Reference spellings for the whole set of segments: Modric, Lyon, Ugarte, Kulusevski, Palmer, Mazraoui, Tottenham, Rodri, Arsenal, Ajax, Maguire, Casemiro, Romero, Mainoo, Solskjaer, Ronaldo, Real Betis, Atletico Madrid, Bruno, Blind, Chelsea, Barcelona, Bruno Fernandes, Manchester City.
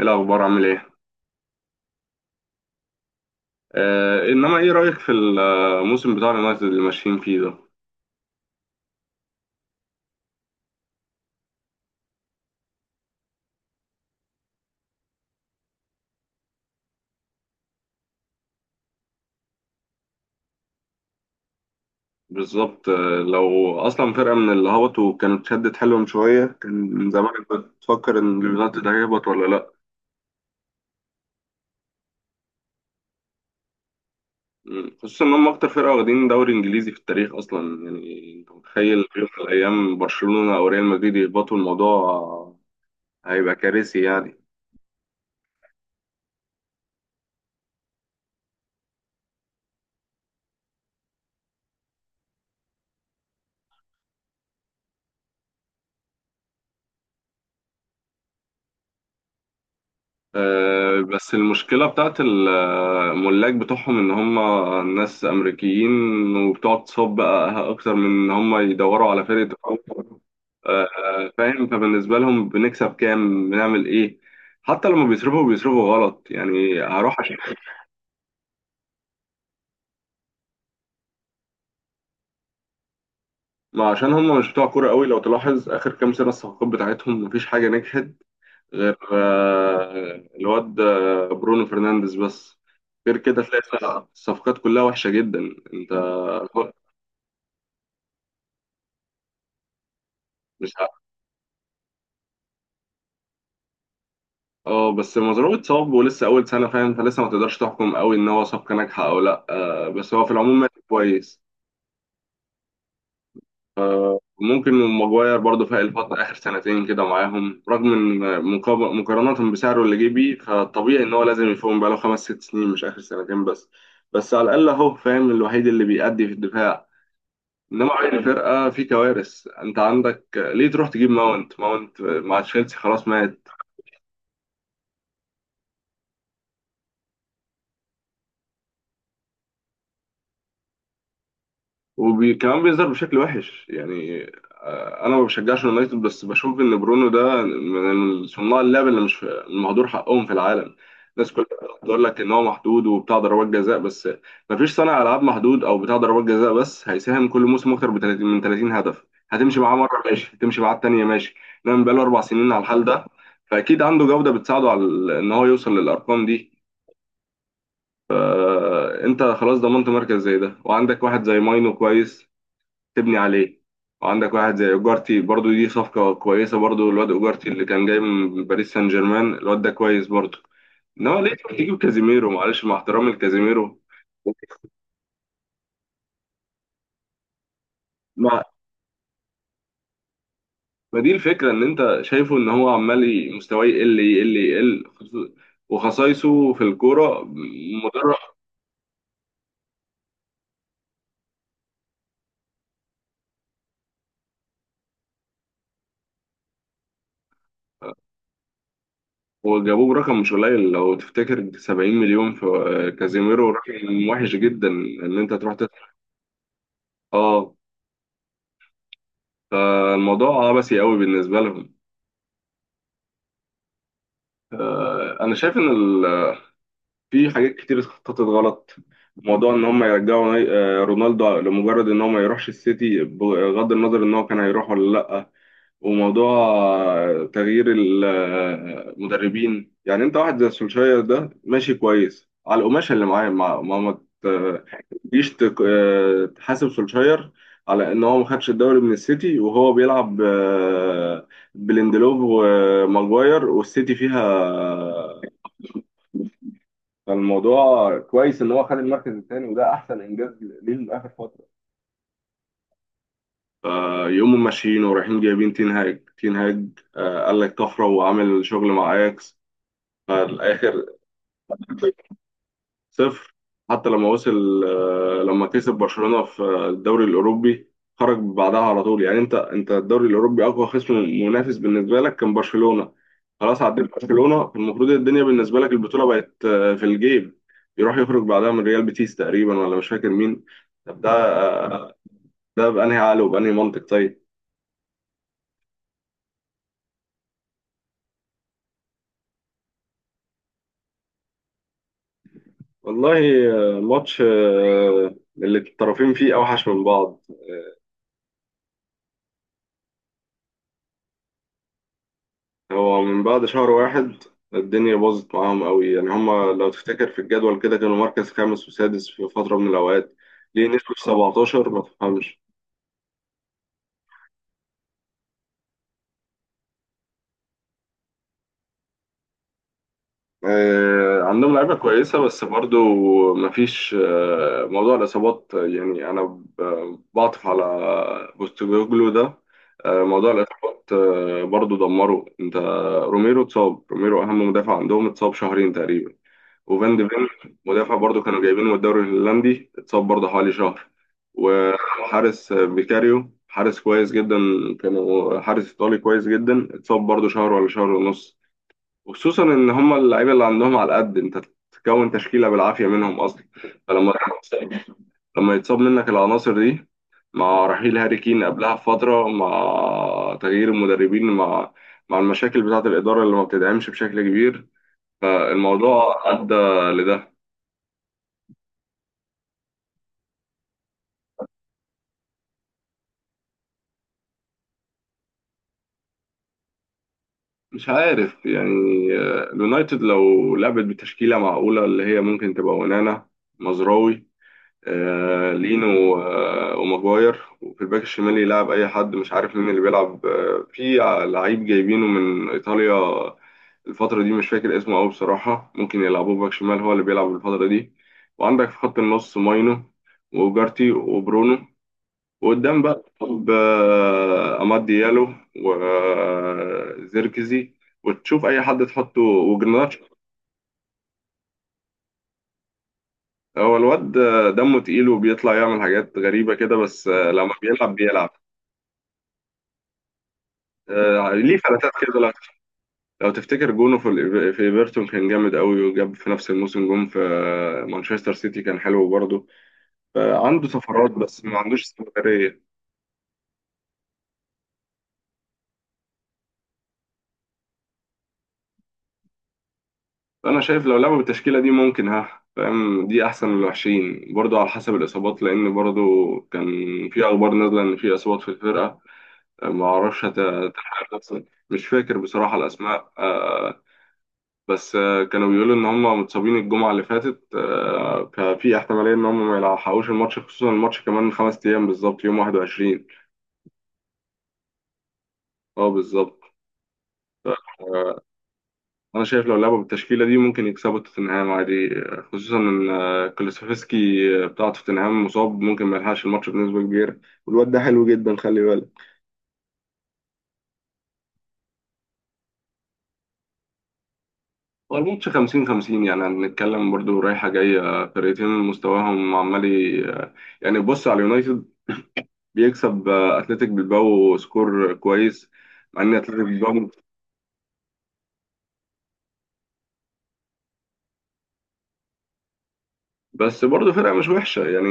ايه الاخبار عامل ايه؟ انما ايه رايك في الموسم بتاع اليونايتد اللي ماشيين فيه ده؟ بالظبط. لو اصلا فرقه من اللي هبطوا كانت شدت حيلهم شويه. كان من زمان كنت بتفكر ان اليونايتد هيهبط ولا لا؟ مم، خصوصا ان هم اكتر فرقه واخدين دوري انجليزي في التاريخ اصلا، يعني انت متخيل في يوم من الايام برشلونه او ريال مدريد يهبطوا؟ الموضوع هيبقى كارثي يعني. بس المشكلة بتاعت الملاك بتوعهم إن هم ناس أمريكيين، وبتقعد تصب أكتر من إن هم يدوروا على فرقة تفوق. آه، فاهم، فبالنسبة لهم بنكسب كام، بنعمل إيه. حتى لما بيصرفوا بيصرفوا غلط يعني، هروح عشان ما عشان هم مش بتوع كورة قوي. لو تلاحظ آخر كام سنة الصفقات بتاعتهم مفيش حاجة نجحت غير الواد برونو فرنانديز بس. غير كده تلاقي الصفقات كلها وحشة جدا. انت مش ه- اه بس مزروع اتصاب ولسه اول سنة فاهم، فلسه ما تقدرش تحكم قوي ان هو صفقة ناجحة او لا. بس هو في العموم ماشي كويس. ممكن ماجواير برضه في الفترة آخر سنتين كده معاهم، رغم إن مقارنة بسعره اللي جه بيه، فطبيعي إن هو لازم يفهم. بقاله خمس ست سنين مش آخر سنتين بس. بس على الأقل أهو فاهم، الوحيد اللي بيأدي في الدفاع. انما عين الفرقه في كوارث، انت عندك ليه تروح تجيب ماونت؟ ماونت مع تشيلسي خلاص مات. وكمان بيظهر بشكل وحش يعني. انا ما بشجعش يونايتد، بس بشوف ان برونو ده من صناع اللعب اللي مش مهدور حقهم في العالم. الناس كلها بتقول لك ان هو محدود وبتاع ضربات جزاء بس. ما فيش صانع العاب محدود او بتاع ضربات جزاء بس هيساهم كل موسم اكتر ب 30 من 30 هدف. هتمشي معاه مره ماشي، هتمشي معاه التانيه ماشي، انما بقاله اربع سنين على الحال ده، فاكيد عنده جوده بتساعده على ان هو يوصل للارقام دي. انت خلاص ضمنت مركز زي ده، وعندك واحد زي ماينو كويس تبني عليه، وعندك واحد زي اوجارتي برضو دي صفقة كويسة، برضو الواد اوجارتي اللي كان جاي من باريس سان جيرمان الواد ده كويس برضو. انما ليه تجيب كازيميرو؟ معلش مع احترامي لكازيميرو، ما ما دي الفكرة ان انت شايفه ان هو عمال مستواه يقل يقل يقل، وخصايصه في الكورة مدرب. وجابوه برقم مش قليل لو تفتكر، 70 مليون في كازيميرو رقم وحش جدا ان انت تروح تدفع اه. فالموضوع عبثي قوي بالنسبة لهم. انا شايف ان في حاجات كتير اتخططت غلط. موضوع ان هم يرجعوا رونالدو لمجرد ان هو ما يروحش السيتي، بغض النظر ان هو كان هيروح ولا لا. وموضوع تغيير المدربين، يعني انت واحد زي سولشاير ده ماشي كويس على القماشه اللي معاه، ما ما ما ت- تجيش تك- آه، تحاسب سولشاير على ان هو ما خدش الدوري من السيتي وهو بيلعب بليندلوف وماجواير، والسيتي فيها. فالموضوع كويس ان هو خد المركز الثاني، وده احسن انجاز ليه من اخر فتره. آه يوم ماشيين ورايحين جايبين تين هاج، آه قال لك طفره وعامل شغل مع اياكس، فالاخر صفر. حتى لما وصل لما كسب برشلونة في الدوري الأوروبي، خرج بعدها على طول. يعني أنت الدوري الأوروبي أقوى خصم منافس بالنسبة لك كان برشلونة، خلاص عديت برشلونة، المفروض الدنيا بالنسبة لك البطولة بقت في الجيب. يروح يخرج بعدها من ريال بيتيس تقريبا، ولا مش فاكر مين. طب ده آه، ده بأنهي عقل وبأنهي منطق؟ طيب. والله ماتش اللي الطرفين فيه أوحش من بعض. هو من بعد شهر واحد الدنيا باظت معاهم قوي، يعني هما لو تفتكر في الجدول كده كانوا مركز خامس وسادس في فترة من الأوقات، ليه نزلوا في 17 ما تفهمش. آه عندهم لعيبة كويسة، بس برضو مفيش آه، موضوع الإصابات يعني أنا بعطف على بوستوجلو ده، آه موضوع الإصابات آه برضو دمره أنت. روميرو اتصاب، روميرو أهم مدافع عندهم اتصاب شهرين تقريبا. وفان دي فين مدافع برضو كانوا جايبينه من الدوري الهولندي اتصاب برضو حوالي شهر. وحارس بيكاريو حارس كويس جدا، كانوا حارس ايطالي كويس جدا اتصاب برضو شهر ولا شهر ونص. وخصوصا ان هم اللعيبه اللي عندهم على قد انت تكون تشكيله بالعافيه منهم اصلا. فلما لما يتصاب منك العناصر دي، مع رحيل هاري كين قبلها بفتره، مع تغيير المدربين، مع المشاكل بتاعه الاداره اللي ما بتدعمش بشكل كبير، فالموضوع ادى لده. مش عارف يعني. اليونايتد لو لعبت بتشكيلة معقولة اللي هي ممكن تبقى ونانا، مزراوي، لينو، وماجواير، وفي الباك الشمال يلعب أي حد، مش عارف مين اللي بيلعب لعيب جايبينه من إيطاليا الفترة دي مش فاكر اسمه أوي بصراحة، ممكن يلعبوه باك شمال هو اللي بيلعب الفترة دي. وعندك في خط النص ماينو، وجارتي، وبرونو، وقدام بقى بأماد ديالو، وزيركزي، وتشوف أي حد تحطه وجرناتشو. هو الواد دمه تقيل وبيطلع يعمل حاجات غريبة كده، بس لما بيلعب بيلعب ليه فلاتات كده. لو تفتكر جونه في في ايفرتون كان جامد قوي، وجاب في نفس الموسم جون في مانشستر سيتي كان حلو برضه. عنده سفرات بس ما عندوش استمرارية. انا شايف لو لعبوا بالتشكيله دي ممكن، ها فاهم، دي احسن من الوحشين، برضو على حسب الاصابات لان برضو كان في اخبار نازله ان في اصابات في الفرقه، ما اعرفش هتلحق نفسها. مش فاكر بصراحه الاسماء، آه، بس آه، كانوا بيقولوا ان هم متصابين الجمعه اللي فاتت. ففي احتماليه ان هم ما يلحقوش الماتش، خصوصا الماتش كمان خمس ايام بالظبط يوم 21. اه بالظبط. انا شايف لو لعبوا بالتشكيله دي ممكن يكسبوا توتنهام عادي، خصوصا ان كولوسيفسكي بتاع توتنهام مصاب ممكن ما يلحقش الماتش بنسبه كبيره، والواد ده حلو جدا خلي بالك. هو الماتش 50 50 يعني، هنتكلم برضو رايحه جايه فرقتين مستواهم عمال يعني بص على اليونايتد، بيكسب اتلتيك بالباو سكور كويس، مع ان اتلتيك بالباو بس برضو فرقه مش وحشه يعني.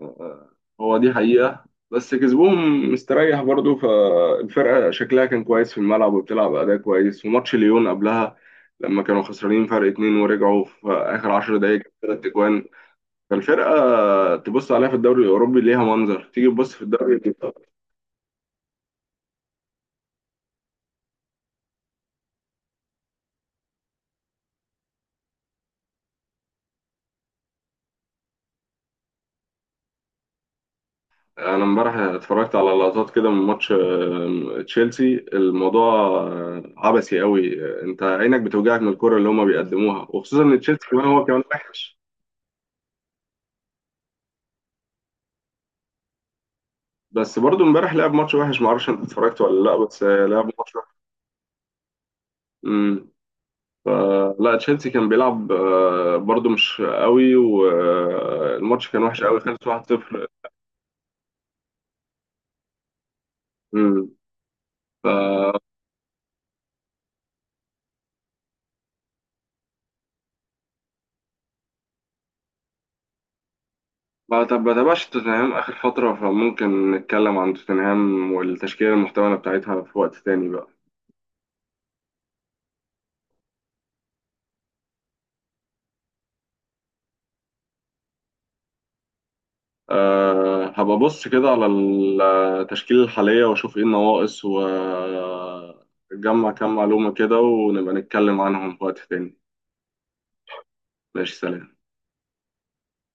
آه، هو دي حقيقة، بس كسبهم مستريح برضو، فالفرقة شكلها كان كويس في الملعب وبتلعب أداء كويس. وماتش ليون قبلها لما كانوا خسرانين فرق اتنين ورجعوا في آخر عشر دقايق جابوا تلات أجوان. فالفرقة تبص عليها في الدوري الأوروبي ليها منظر، تيجي تبص في الدوري الإيطالي. أنا امبارح اتفرجت على لقطات كده من ماتش تشيلسي، الموضوع عبثي قوي، أنت عينك بتوجعك من الكرة اللي هما بيقدموها، وخصوصا إن تشيلسي كمان هو كمان وحش. بس برضو امبارح لعب ماتش وحش، معرفش انت اتفرجت ولا لا، بس لعب ماتش وحش. امم، لا تشيلسي كان بيلعب برضو مش قوي، والماتش كان وحش قوي خلص 1-0. امم، ف ما تابعش توتنهام اخر فتره، فممكن نتكلم عن توتنهام والتشكيله المحتمله بتاعتها في وقت تاني بقى. أه هبقى ابص كده على التشكيله الحاليه واشوف ايه النواقص، واجمع كام معلومه كده، ونبقى نتكلم عنهم في وقت تاني. ماشي، سلام.